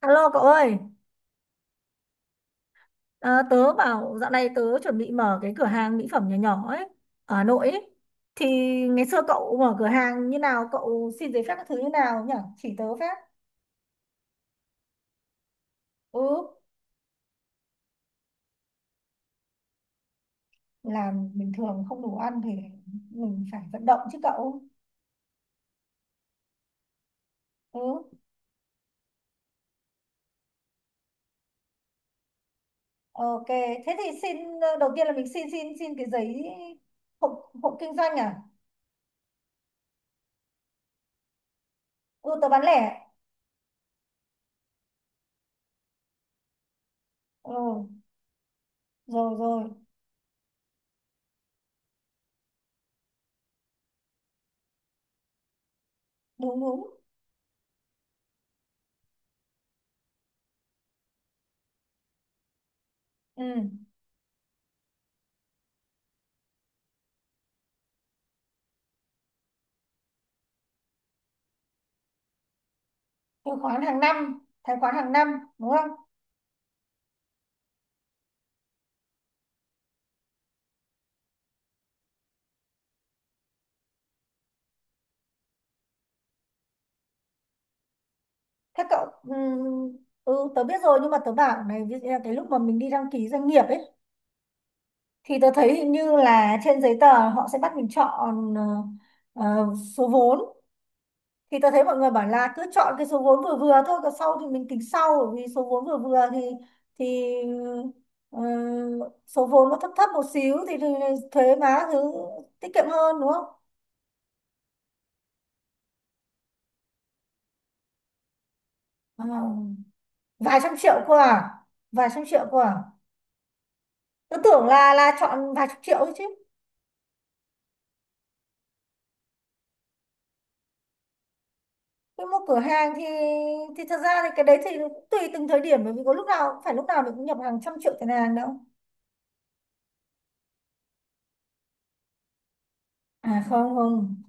Alo cậu ơi, tớ bảo dạo này tớ chuẩn bị mở cái cửa hàng mỹ phẩm nhỏ nhỏ ấy, ở Hà Nội ấy. Thì ngày xưa cậu mở cửa hàng như nào, cậu xin giấy phép các thứ như nào nhỉ? Chỉ tớ phép. Ừ, làm bình thường không đủ ăn thì mình phải vận động chứ cậu. Ừ, ok. Thế thì xin, đầu tiên là mình xin xin xin cái giấy hộ kinh doanh à? Ừ, tớ bán lẻ. Ừ, rồi rồi, đúng đúng. Ừ, từ khoán hàng năm, tài khoản hàng năm, đúng không? Thế cậu ừ, tớ biết rồi nhưng mà tớ bảo này ví dụ như là cái lúc mà mình đi đăng ký doanh nghiệp ấy thì tớ thấy hình như là trên giấy tờ họ sẽ bắt mình chọn ờ, số vốn. Thì tớ thấy mọi người bảo là cứ chọn cái số vốn vừa vừa thôi còn sau thì mình tính sau, bởi vì số vốn vừa vừa thì thì ờ, số vốn nó thấp thấp một xíu thì thuế má thứ tiết kiệm hơn đúng không? À, vài trăm triệu cơ à? Vài trăm triệu cơ à? Tớ tưởng là chọn vài chục triệu thôi chứ. Tôi mua cửa hàng thì thật ra thì cái đấy thì cũng tùy từng thời điểm, bởi vì có lúc nào cũng phải lúc nào mình cũng nhập hàng trăm triệu tiền hàng đâu. À không không.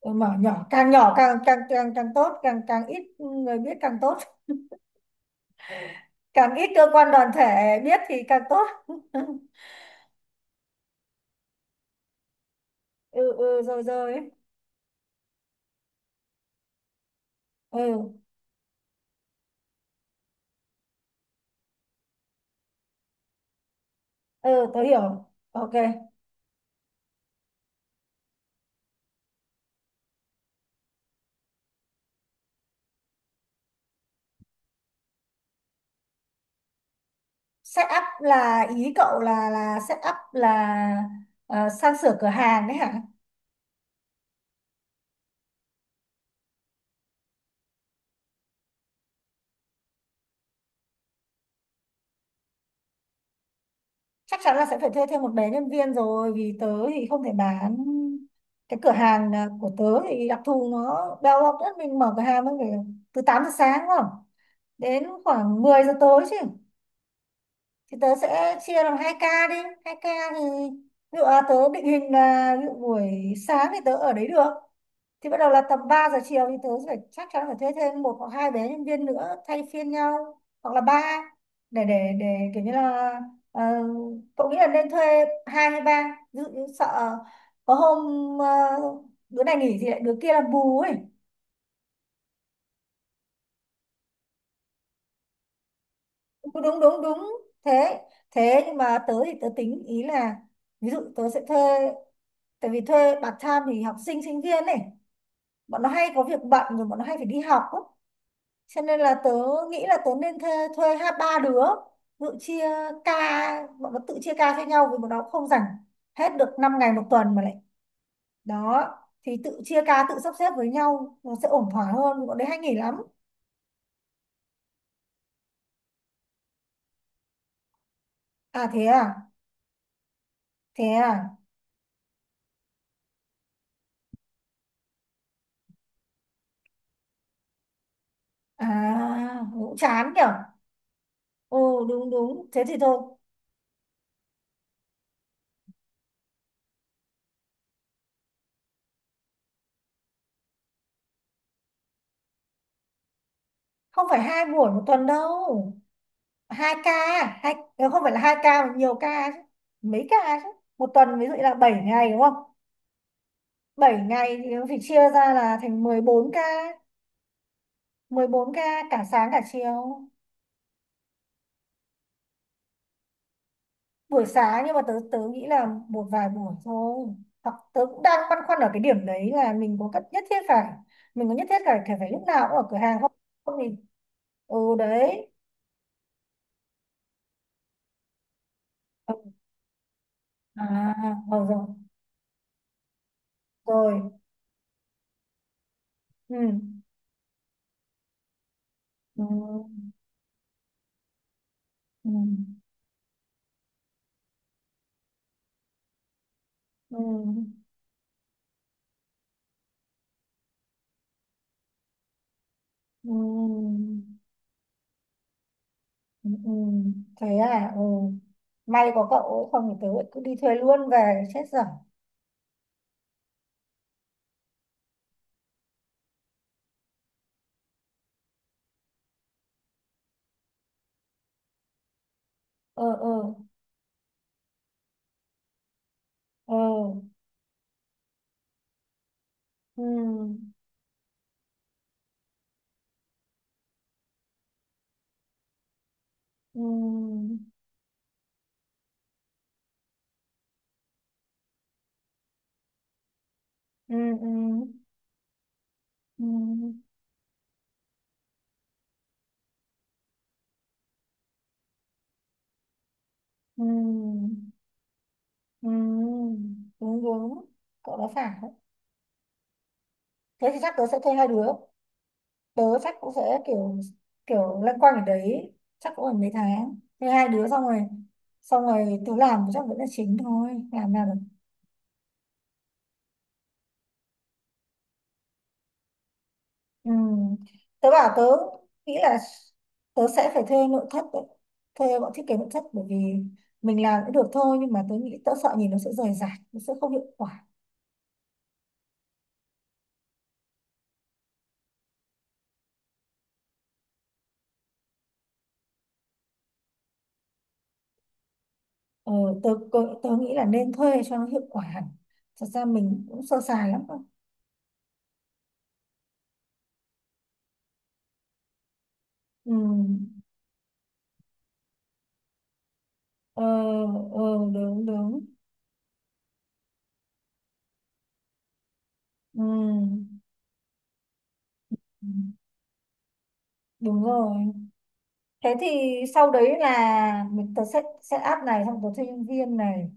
Ờ, mở nhỏ, càng nhỏ càng càng tốt, càng càng ít người biết càng tốt, càng ít cơ quan đoàn thể biết thì càng tốt. Ừ ừ rồi rồi. Ừ ừ tôi hiểu. Ok. Setup là ý cậu là setup là sang sửa cửa hàng đấy hả? Chắc chắn là sẽ phải thuê thêm một bé nhân viên rồi vì tớ thì không thể bán cái cửa hàng à, của tớ thì đặc thù nó đau học nhất mình mở cửa hàng mới phải từ 8 giờ sáng không đến khoảng 10 giờ tối chứ. Thì tớ sẽ chia làm hai ca đi, hai ca. Thì ví dụ là tớ định hình là ví dụ buổi sáng thì tớ ở đấy được, thì bắt đầu là tầm 3 giờ chiều thì tớ phải chắc chắn phải thuê thêm một hoặc hai bé nhân viên nữa thay phiên nhau hoặc là ba để kiểu như là ờ, cậu nghĩ là nên thuê hai hay ba, ví dụ như sợ có hôm uh, đứa này nghỉ thì lại đứa kia làm bù ấy. Đúng đúng đúng đúng. Thế thế nhưng mà tớ tính ý là ví dụ tớ sẽ thuê, tại vì thuê part time thì học sinh sinh viên này, bọn nó hay có việc bận rồi bọn nó hay phải đi học á. Cho nên là tớ nghĩ là tớ nên thuê, thuê hai ba đứa tự chia ca, bọn nó tự chia ca cho nhau vì bọn nó cũng không rảnh hết được 5 ngày một tuần mà lại đó. Thì tự chia ca tự sắp xếp với nhau nó sẽ ổn thỏa hơn, bọn đấy hay nghỉ lắm. À thế à. Thế à. À cũng chán nhở. Ồ đúng đúng, thế thì thôi. Không phải hai buổi một tuần đâu, hai ca. Hai không phải là hai ca mà nhiều ca chứ, mấy ca chứ. Một tuần ví dụ như là 7 ngày đúng không, 7 ngày thì nó phải chia ra là thành 14 ca, 14 ca cả sáng cả chiều. Buổi sáng nhưng mà tớ tớ nghĩ là một vài buổi thôi. Hoặc tớ cũng đang băn khoăn ở cái điểm đấy là mình có cất nhất thiết phải mình có nhất thiết phải phải phải lúc nào cũng ở cửa hàng không? Không thì ừ đấy. Ừ, à, rồi rồi. Rồi. Ừ. Ừ. Ừ. Ừ. Ừ. Ừ. Ừ. Thế à, ừ. May có cậu ấy, không thì tớ lại cứ đi thuê luôn về chết dở. Ờ ờ. Ờ. Ừ ừ ừ ừ ừ ừ ừ ừ, đúng đúng, cậu nói phải đấy. Thế thì chắc tớ sẽ thuê hai đứa, tớ chắc cũng sẽ kiểu kiểu loanh quanh ở đấy, chắc cũng phải mấy tháng thuê hai đứa xong rồi, xong rồi tớ làm chắc vẫn là chính thôi làm nào. Ừ. Tớ bảo tớ nghĩ là tớ sẽ phải thuê nội thất đấy, thuê bọn thiết kế nội thất, bởi vì mình làm cũng được thôi nhưng mà tớ nghĩ tớ sợ nhìn nó sẽ rời rạc, nó sẽ không hiệu quả. ờ, tớ, tớ tớ nghĩ là nên thuê cho nó hiệu quả hẳn, thật ra mình cũng sơ sài lắm cơ. Ừ. ờ, ờ, Đúng đúng. Ừ. Ừ, đúng rồi. Thế thì sau đấy là mình tớ set set up này, xong tớ thuê nhân viên này,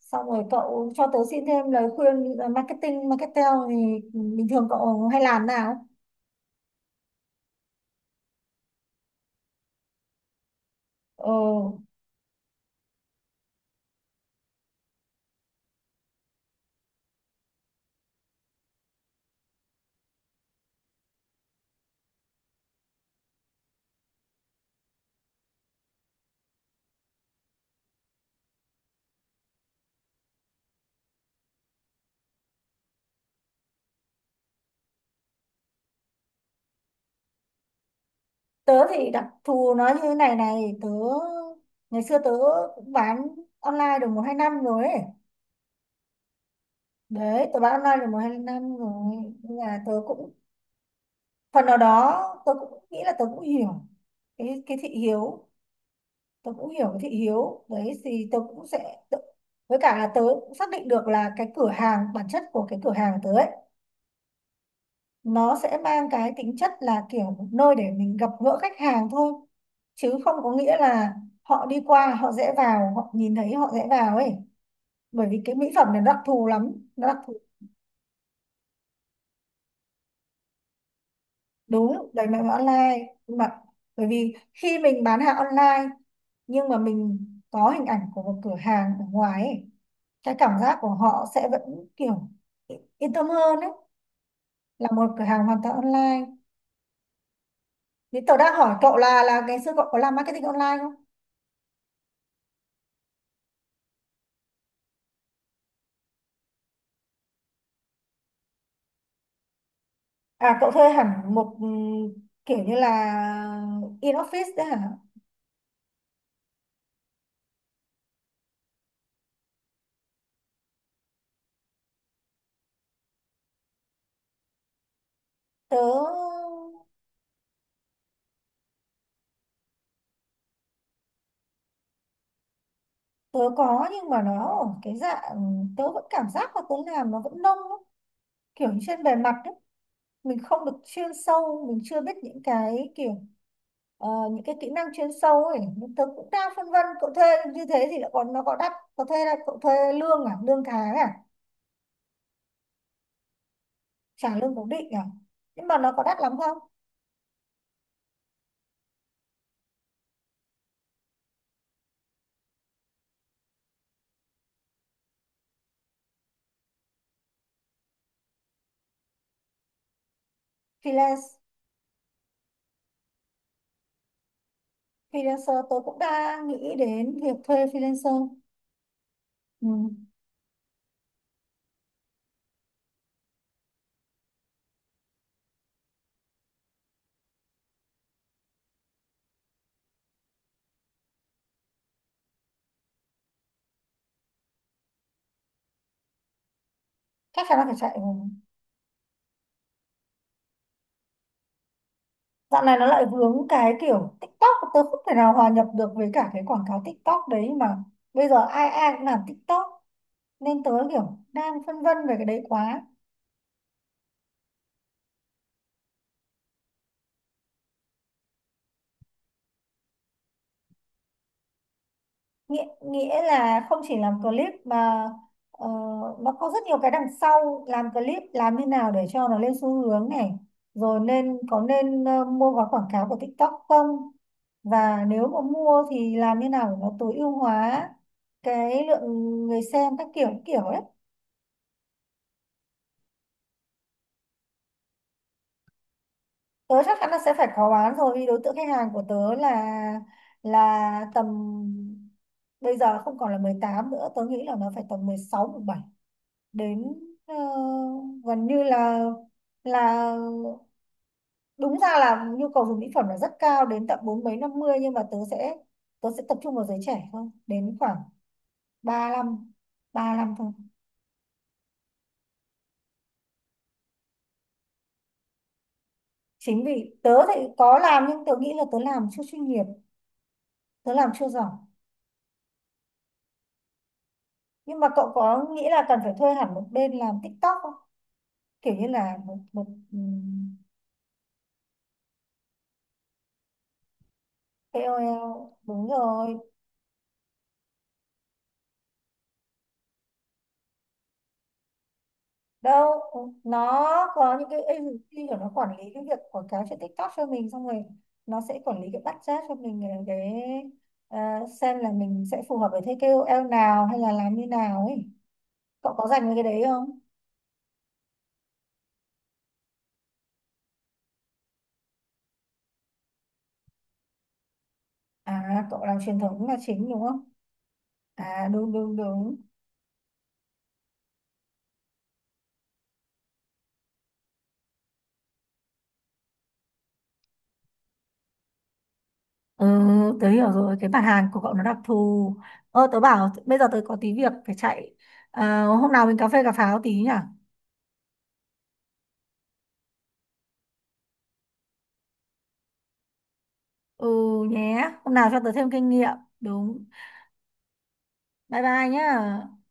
xong rồi cậu cho tớ xin thêm lời khuyên. Ờ, Marketing, marketing thì bình thường cậu hay làm nào? ờ, Tớ thì đặc thù nó như thế này này, tớ ngày xưa tớ cũng bán online được một hai năm rồi ấy. Đấy tớ bán online được một hai năm rồi, nhưng mà tớ cũng phần nào đó tớ cũng nghĩ là tớ cũng hiểu cái thị hiếu, tớ cũng hiểu cái thị hiếu đấy thì tớ cũng sẽ tớ, với cả là tớ cũng xác định được là cái cửa hàng, bản chất của cái cửa hàng tớ ấy nó sẽ mang cái tính chất là kiểu một nơi để mình gặp gỡ khách hàng thôi, chứ không có nghĩa là họ đi qua họ dễ vào họ nhìn thấy họ dễ vào ấy, bởi vì cái mỹ phẩm này nó đặc thù lắm, nó đặc thù. Đúng, đẩy mạnh vào online. Nhưng mà bởi vì khi mình bán hàng online nhưng mà mình có hình ảnh của một cửa hàng ở ngoài ấy, cái cảm giác của họ sẽ vẫn kiểu yên tâm hơn đấy là một cửa hàng hoàn toàn online. Thế tớ đang hỏi cậu là ngày xưa cậu có làm marketing online không? À cậu thuê hẳn một kiểu như là in office đấy hả? Tớ tớ có nhưng mà nó ở cái dạng tớ vẫn cảm giác là tớ làm nó vẫn nông lắm, kiểu như trên bề mặt đấy, mình không được chuyên sâu, mình chưa biết những cái kiểu những cái kỹ năng chuyên sâu ấy. Nhưng tớ cũng đang phân vân cậu thuê như thế thì lại còn nó có đắt, có thuê là cậu thuê lương à, lương tháng à, trả lương cố định à, nhưng mà nó có đắt lắm không? Freelance. Freelancer, tớ cũng đang nghĩ đến việc thuê freelancer. Ừ. Chắc chắn là phải chạy rồi. Dạo này nó lại vướng cái kiểu TikTok, tớ không thể nào hòa nhập được với cả cái quảng cáo TikTok đấy mà bây giờ ai ai cũng làm TikTok, nên tớ kiểu đang phân vân về cái đấy quá. Nghĩa nghĩa là không chỉ làm clip mà ờ, nó có rất nhiều cái đằng sau, làm clip làm thế nào để cho nó lên xu hướng này, rồi nên có nên mua gói quảng cáo của TikTok không, và nếu mà mua thì làm như nào để nó tối ưu hóa cái lượng người xem các kiểu kiểu ấy. Tớ chắc chắn là sẽ phải khó bán rồi, vì đối tượng khách hàng của tớ là tầm bây giờ không còn là 18 nữa, tớ nghĩ là nó phải tầm 16 17 đến ờ, gần như là đúng ra là nhu cầu dùng mỹ phẩm là rất cao đến tận 40 mấy 50, nhưng mà tớ sẽ tập trung vào giới trẻ thôi, đến khoảng 35 lăm thôi. Chính vì tớ thì có làm nhưng tớ nghĩ là tớ làm chưa chuyên nghiệp, tớ làm chưa giỏi. Nhưng mà cậu có nghĩ là cần phải thuê hẳn một bên làm TikTok không, kiểu như là một một ừm, KOL. Đúng rồi. Đâu, nó có những cái agency của nó quản lý cái việc quảng cáo trên TikTok cho mình, xong rồi nó sẽ quản lý cái budget cho mình cái ờ, xem là mình sẽ phù hợp với thế KOL nào hay là làm như nào ấy, cậu có dành với cái đấy không? À cậu làm truyền thống là chính đúng không? À đúng đúng đúng. Ừ, tớ hiểu rồi, cái bản hàng của cậu nó đặc thù. Ơ, tớ bảo bây giờ tớ có tí việc phải chạy. Ờ, hôm nào mình cà phê cà pháo tí nhỉ? Ừ nhé, hôm nào cho tớ thêm kinh nghiệm. Đúng. Bye bye nhá.